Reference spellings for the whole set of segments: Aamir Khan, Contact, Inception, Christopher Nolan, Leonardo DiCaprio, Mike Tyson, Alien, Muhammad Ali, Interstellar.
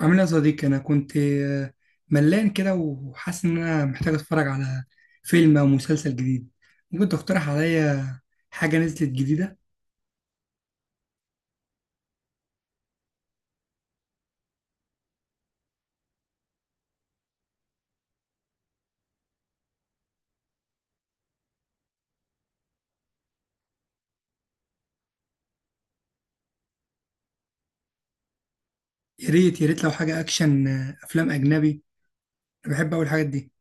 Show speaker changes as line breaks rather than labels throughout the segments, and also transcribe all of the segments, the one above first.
عامل ايه يا صديقي؟ انا كنت ملان كده وحاسس ان انا محتاج اتفرج على فيلم او مسلسل جديد. ممكن تقترح عليا حاجه نزلت جديده؟ يا ريت يا ريت لو حاجه اكشن، افلام اجنبي. انا بحب اول الحاجات دي.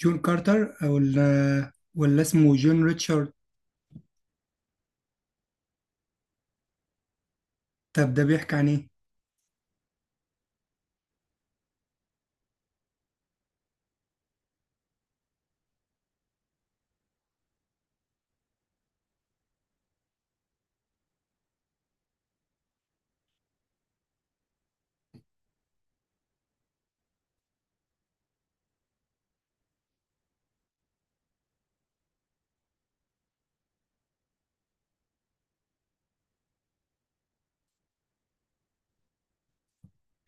جون كارتر او ولا اسمه جون ريتشارد؟ طب ده بيحكي عن ايه؟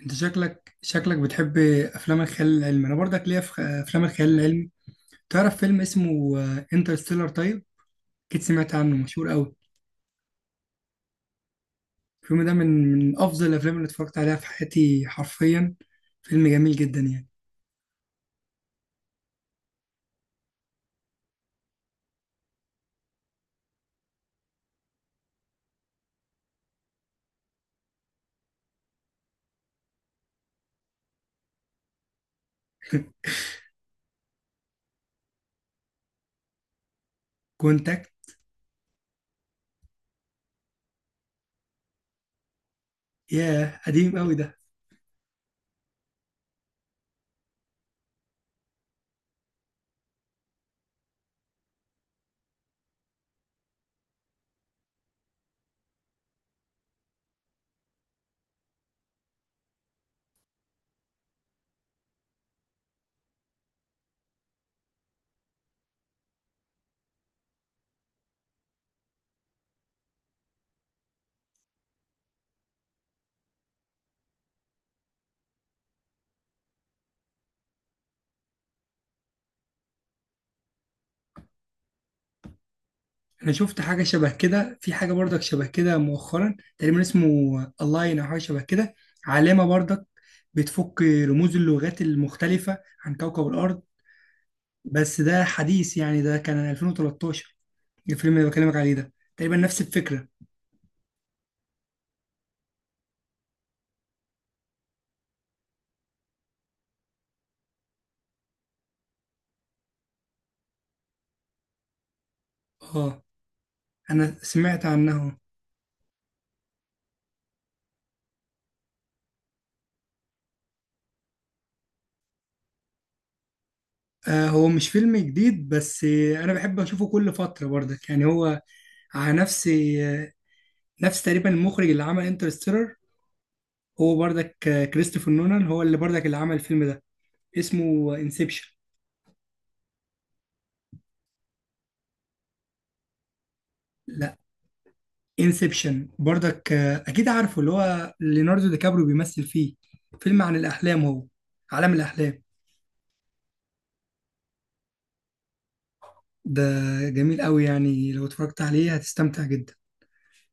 انت شكلك بتحب افلام الخيال العلمي. انا برضك ليا في افلام الخيال العلمي. تعرف فيلم اسمه انترستيلر؟ طيب، اكيد سمعت عنه مشهور قوي. الفيلم ده من أفضل الأفلام اللي اتفرجت عليها في حياتي حرفيا. فيلم جميل جدا يعني. كونتاكت. ياه قديم قوي ده. أنا شفت حاجة شبه كده، في حاجة برضك شبه كده مؤخرا تقريبا اسمه ألاين أو حاجة شبه كده، علامة برضك بتفك رموز اللغات المختلفة عن كوكب الأرض. بس ده حديث يعني، ده كان 2013. الفيلم اللي بكلمك عليه ده تقريبا نفس الفكرة. اه. أنا سمعت عنه. هو مش فيلم جديد بس انا بحب اشوفه كل فتره برضك، يعني هو على نفس تقريبا المخرج اللي عمل انترستيلر. هو برضك كريستوفر نولان هو اللي برضك اللي عمل الفيلم ده، اسمه انسبشن. لا، انسبشن برضك، اكيد عارفه اللي هو ليوناردو دي كابريو بيمثل فيه. فيلم عن الاحلام هو، عالم الاحلام. ده جميل قوي يعني، لو اتفرجت عليه هتستمتع جدا.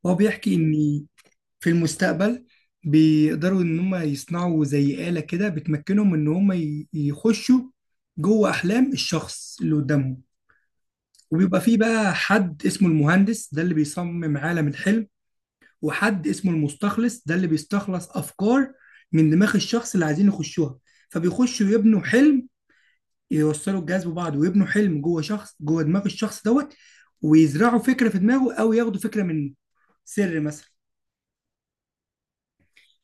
هو بيحكي ان في المستقبل بيقدروا ان هم يصنعوا زي آلة كده بتمكنهم ان هم يخشوا جوه احلام الشخص اللي قدامهم. وبيبقى فيه بقى حد اسمه المهندس ده اللي بيصمم عالم الحلم، وحد اسمه المستخلص ده اللي بيستخلص افكار من دماغ الشخص اللي عايزين يخشوها. فبيخشوا يبنوا حلم، يوصلوا الجهاز ببعض ويبنوا حلم جوه شخص، جوه دماغ الشخص دوت، ويزرعوا فكرة في دماغه او ياخدوا فكرة منه، سر مثلا.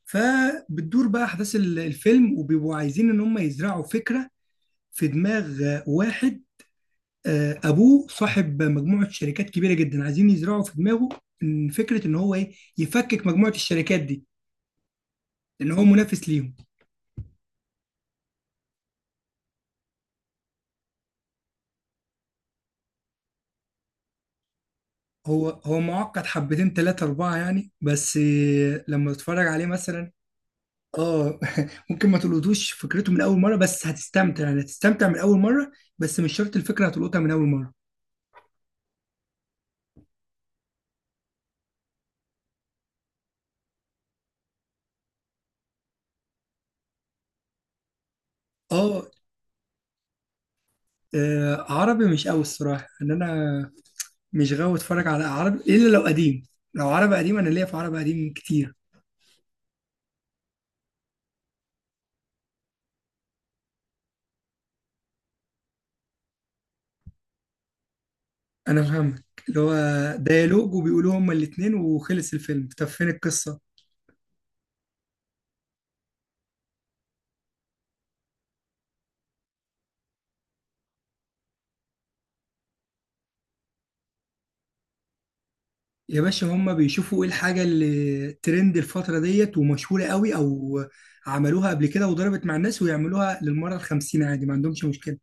فبتدور بقى احداث الفيلم وبيبقوا عايزين ان هم يزرعوا فكره في دماغ واحد ابوه صاحب مجموعه شركات كبيره جدا، عايزين يزرعوا في دماغه ان فكره ان هو ايه، يفكك مجموعه الشركات دي لان هو منافس ليهم. هو معقد حبتين، ثلاثه اربعه يعني، بس لما تتفرج عليه مثلا. اه ممكن ما تلقطوش فكرته من اول مره بس هتستمتع، يعني هتستمتع من اول مره. بس مش شرط الفكره هتلقطها من اول مره. اه. عربي مش قوي الصراحة، ان انا مش غاوي اتفرج على عربي الا لو قديم. لو عربي قديم انا ليا في عربي قديم كتير. انا فاهمك، اللي هو ديالوج وبيقولوا هما الاتنين وخلص الفيلم، طب فين القصة؟ يا باشا هما بيشوفوا ايه الحاجة اللي ترند الفترة ديت ومشهورة قوي، او عملوها قبل كده وضربت مع الناس ويعملوها للمرة الخمسين عادي، ما عندهمش مشكلة.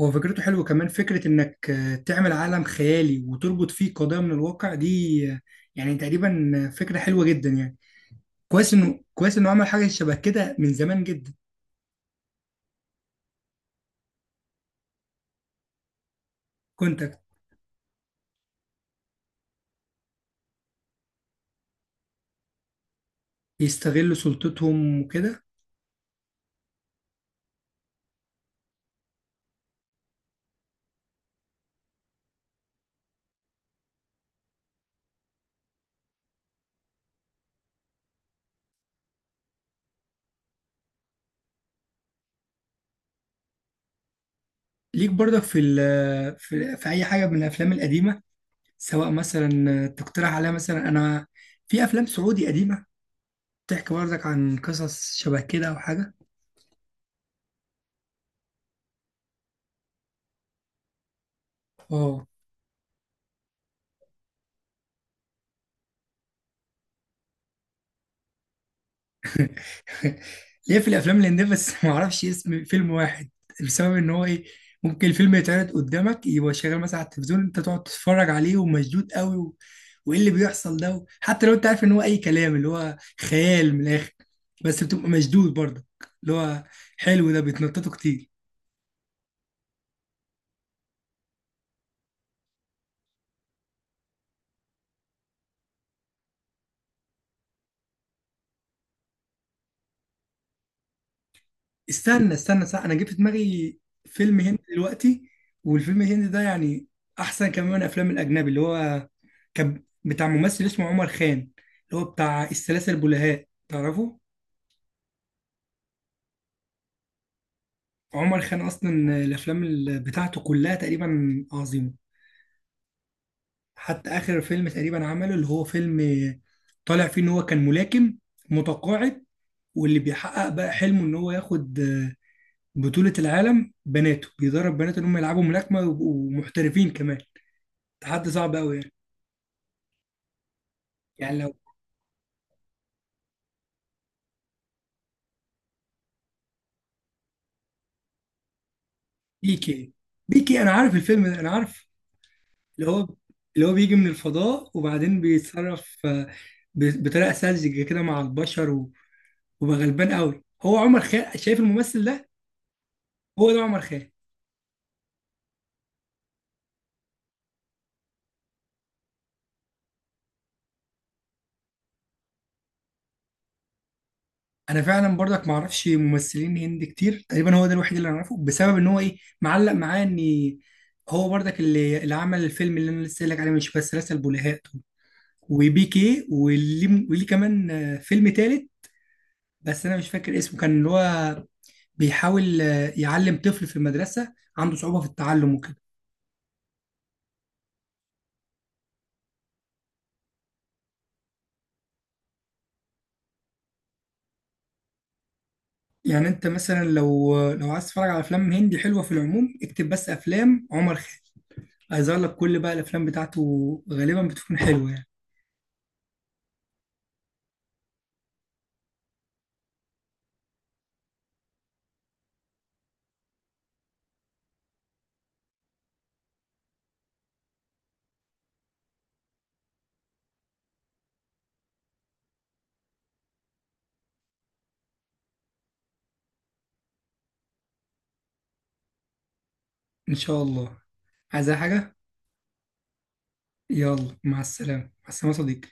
هو فكرته حلوة، كمان فكرة انك تعمل عالم خيالي وتربط فيه قضايا من الواقع دي. آه، يعني تقريبا فكرة حلوة جدا يعني. كويس انه عمل حاجه شبه كده من زمان جدا. كونتاكت. يستغلوا سلطتهم وكده. ليك برضك في اي حاجه من الافلام القديمه، سواء مثلا تقترح عليها مثلا؟ انا في افلام سعودي قديمه بتحكي برضك عن قصص شبه كده او حاجه. اه. ليه في الافلام الهنديه بس ما اعرفش اسم فيلم واحد، بسبب ان هو ايه، ممكن الفيلم يتعرض قدامك يبقى شغال مثلا على التلفزيون انت تقعد تتفرج عليه ومشدود قوي و، وايه اللي بيحصل ده و، حتى لو انت عارف ان هو اي كلام اللي هو خيال من الاخر، بس بتبقى مشدود برضه. اللي هو حلو ده، بيتنططوا كتير. استنى استنى، صح، انا جبت في دماغي فيلم هندي دلوقتي. والفيلم الهندي ده يعني احسن كمان من الافلام الاجنبي، اللي هو كان بتاع ممثل اسمه عمر خان، اللي هو بتاع السلاسل البلهاء، تعرفه؟ عمر خان اصلا الافلام بتاعته كلها تقريبا عظيمه. حتى اخر فيلم تقريبا عمله، اللي هو فيلم طالع فيه ان هو كان ملاكم متقاعد واللي بيحقق بقى حلمه ان هو ياخد بطولة العالم، بناته بيدرب بناته ان هم يلعبوا ملاكمة ويبقوا محترفين كمان. تحدي صعب قوي يعني. يعني لو. بيكي، بيكي انا عارف الفيلم ده، انا عارف. اللي هو اللي هو بيجي من الفضاء وبعدين بيتصرف بطريقه ساذجه كده مع البشر وبقى غلبان قوي. هو عمر خيرت، شايف الممثل ده؟ هو ده عمر خيرت. انا فعلا برضك ما اعرفش ممثلين هند كتير، تقريبا هو ده الوحيد اللي انا اعرفه، بسبب ان هو ايه معلق معاه ان هو برضك اللي عمل الفيلم اللي انا لسه قايل لك عليه، مش بس رسل بلهاء وبيكي وليه كمان فيلم تالت بس انا مش فاكر اسمه، كان اللي هو بيحاول يعلم طفل في المدرسه عنده صعوبه في التعلم وكده. يعني انت مثلا لو عايز تتفرج على افلام هندي حلوه في العموم اكتب بس افلام عمر خالد، هيظهر لك كل بقى الافلام بتاعته، غالبا بتكون حلوه يعني. ان شاء الله. عايز أي حاجه؟ يلا مع السلامه مع السلامه يا صديقي.